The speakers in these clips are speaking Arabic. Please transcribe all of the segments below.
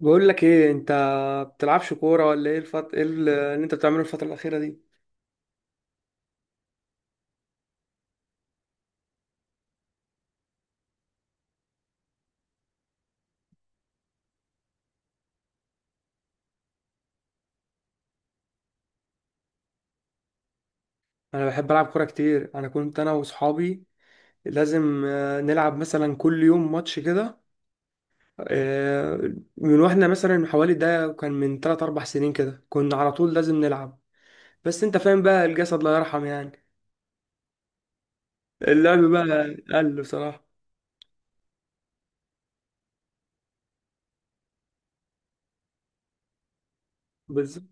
بقول لك ايه، انت بتلعبش كوره ولا ايه؟ ايه اللي انت بتعمله الفتره الاخيره دي؟ انا بحب العب كوره كتير. انا كنت انا واصحابي لازم، نلعب مثلا كل يوم ماتش كده. آه، من واحنا مثلا حوالي ده كان من 3 4 سنين كده، كنا على طول لازم نلعب. بس انت فاهم بقى، الجسد لا يرحم يعني. اللعب بقى قل بصراحه. بالظبط.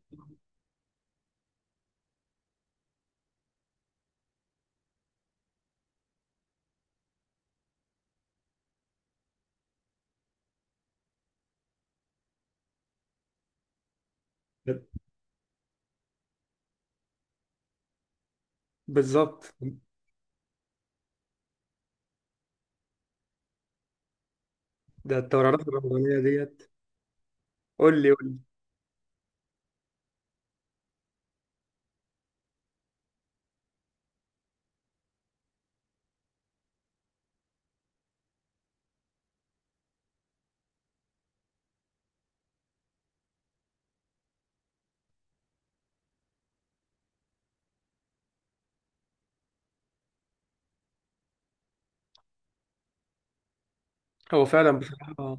بالظبط. ده الدورات الرمضانيه ديت؟ قول لي، قول لي. هو فعلا بصراحه.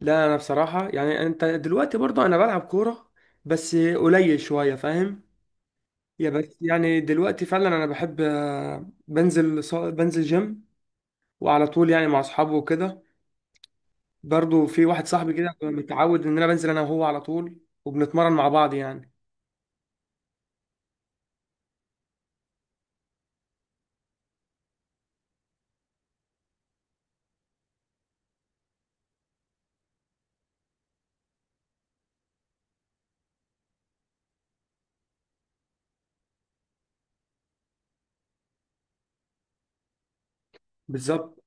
لا، انا بصراحه يعني، انت دلوقتي برضه، انا بلعب كوره بس قليل شويه، فاهم؟ يا بس يعني دلوقتي فعلا انا بحب، بنزل بنزل جيم، وعلى طول يعني مع اصحابي وكده. برضه في واحد صاحبي كده متعود ان انا بنزل انا وهو على طول، وبنتمرن مع بعض يعني. بالظبط.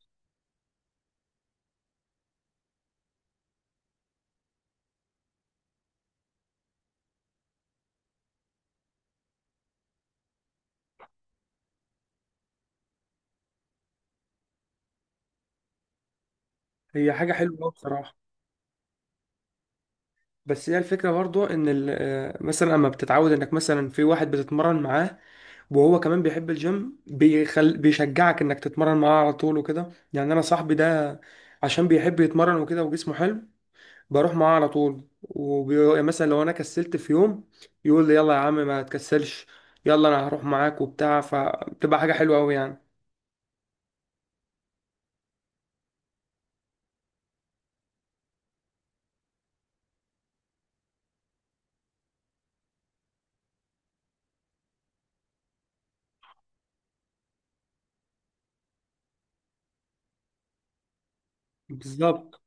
هي حاجه حلوه أوي بصراحه. بس هي الفكره برضه ان مثلا اما بتتعود انك مثلا في واحد بتتمرن معاه، وهو كمان بيحب الجيم، بيشجعك انك تتمرن معاه على طول وكده. يعني انا صاحبي ده عشان بيحب يتمرن وكده وجسمه حلو، بروح معاه على طول. ومثلا لو انا كسلت في يوم، يقول لي يلا يا عم ما تكسلش، يلا انا هروح معاك وبتاع، فبتبقى حاجة حلوة قوي يعني. بالظبط.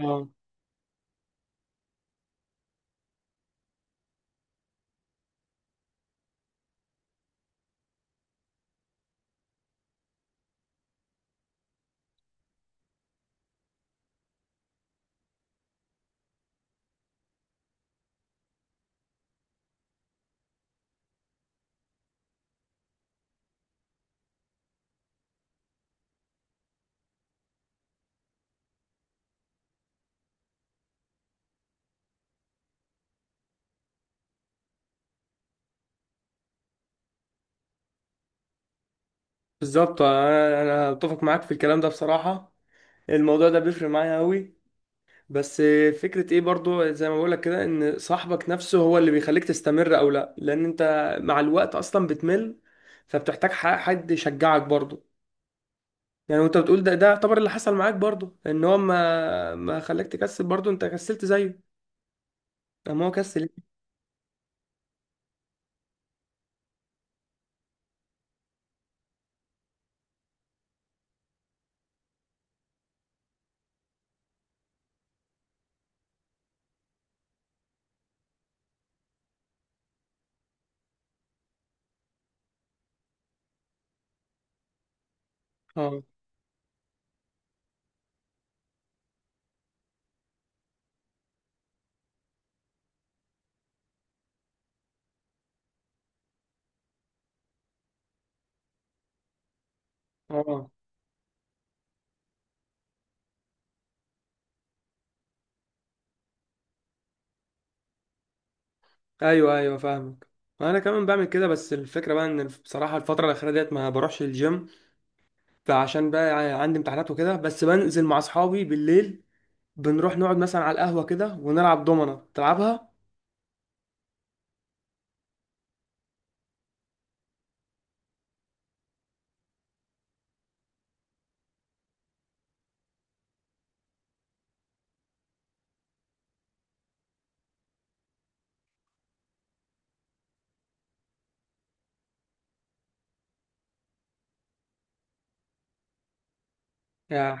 اه. بالظبط. انا اتفق معاك في الكلام ده بصراحة. الموضوع ده بيفرق معايا قوي. بس فكرة ايه برضو، زي ما بقولك كده، ان صاحبك نفسه هو اللي بيخليك تستمر او لا، لان انت مع الوقت اصلا بتمل، فبتحتاج حد يشجعك برضو. يعني وانت بتقول ده يعتبر اللي حصل معاك برضو، ان هو ما خلاك تكسل، برضو انت كسلت زيه اما هو كسل. اه. اه. ايوه، ايوه، فاهمك. انا كمان بعمل كده. بس الفكره بقى ان بصراحه الفتره الاخيره ديت ما بروحش الجيم، فعشان بقى عندي امتحانات وكده، بس بنزل مع اصحابي بالليل. بنروح نقعد مثلا على القهوة كده ونلعب دومنة تلعبها. يا.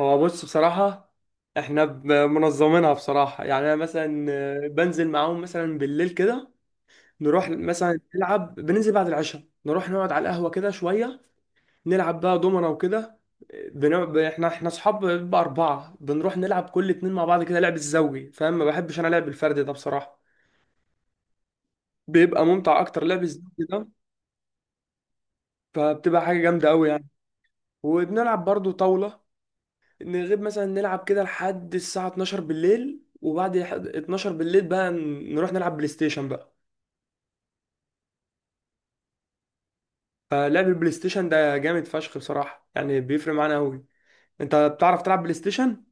هو بص بصراحة، احنا منظمينها بصراحة، يعني انا مثلا بنزل معاهم مثلا بالليل كده، نروح مثلا نلعب، بننزل بعد العشاء نروح نقعد على القهوة كده شوية، نلعب بقى دومنة وكده. بنقعد احنا اصحاب بقى أربعة، بنروح نلعب كل اتنين مع بعض كده، لعب الزوجي فاهم؟ ما بحبش انا لعب الفردي ده بصراحة، بيبقى ممتع اكتر لعب الزوجي ده، فبتبقى حاجة جامدة قوي يعني. وبنلعب برضو طاولة. نغيب مثلا نلعب كده لحد الساعة 12 بالليل، وبعد 12 بالليل بقى نروح نلعب بلاي ستيشن بقى. فلعب البلاي ستيشن ده جامد فشخ بصراحة، يعني بيفرق معانا أوي. أنت بتعرف تلعب بلاي ستيشن؟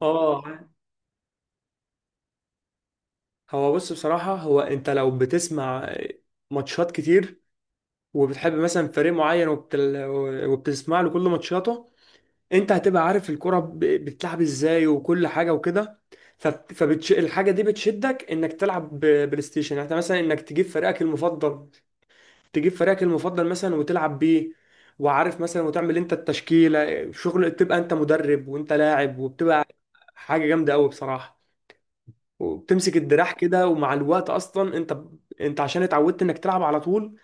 اه. هو بص بصراحة، هو أنت لو بتسمع ماتشات كتير، وبتحب مثلا فريق معين، وبتسمع له كل ماتشاته، انت هتبقى عارف الكرة بتلعب ازاي وكل حاجة وكده. الحاجة دي بتشدك انك تلعب بلاي ستيشن، يعني انت مثلا انك تجيب فريقك المفضل، تجيب فريقك المفضل مثلا وتلعب بيه، وعارف مثلا وتعمل انت التشكيلة، شغل تبقى انت مدرب وانت لاعب، وبتبقى حاجة جامدة قوي بصراحة. وبتمسك الدراع كده، ومع الوقت اصلا انت عشان اتعودت انك تلعب على طول،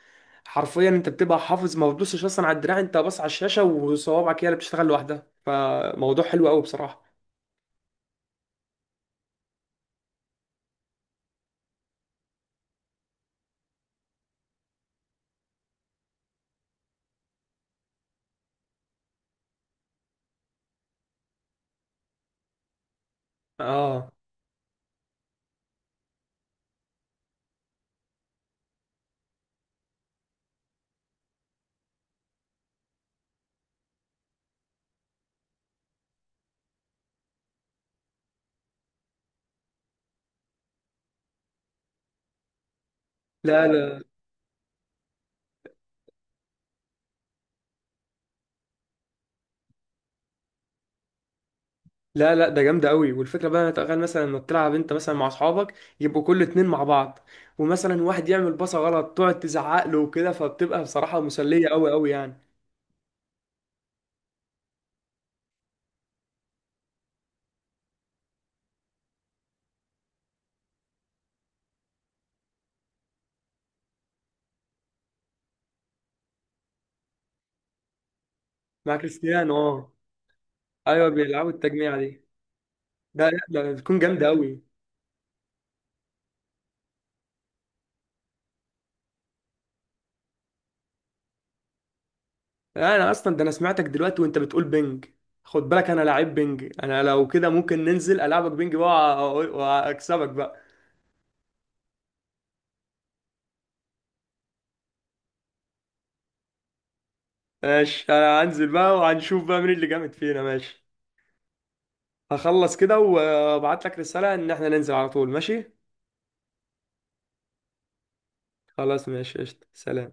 حرفيا انت بتبقى حافظ، ما بتبصش اصلا على الدراع، انت بص على الشاشة وصوابعك هي اللي بتشتغل لوحدها، فموضوع حلو قوي بصراحة. اه. لا، لا. لا، لا، ده جامده قوي. والفكره بقى تخيل مثلا انك تلعب انت مثلا مع اصحابك، يبقوا كل اتنين مع بعض، ومثلا واحد يعمل باصه غلط تقعد تزعق له وكده، فبتبقى بصراحه مسليه قوي قوي يعني. مع كريستيانو، اه. ايوه بيلعبوا التجميع دي. ده، لا، ده بتكون جامده قوي. انا اصلا ده، انا سمعتك دلوقتي وانت بتقول بينج. خد بالك انا لعيب بينج، انا لو كده ممكن ننزل العبك بينج بقى، واكسبك بقى. ماشي، انا هنزل بقى وهنشوف بقى مين اللي جامد فينا. ماشي، هخلص كده وابعت لك رسالة ان احنا ننزل على طول. ماشي، خلاص ماشي، قشطة، سلام.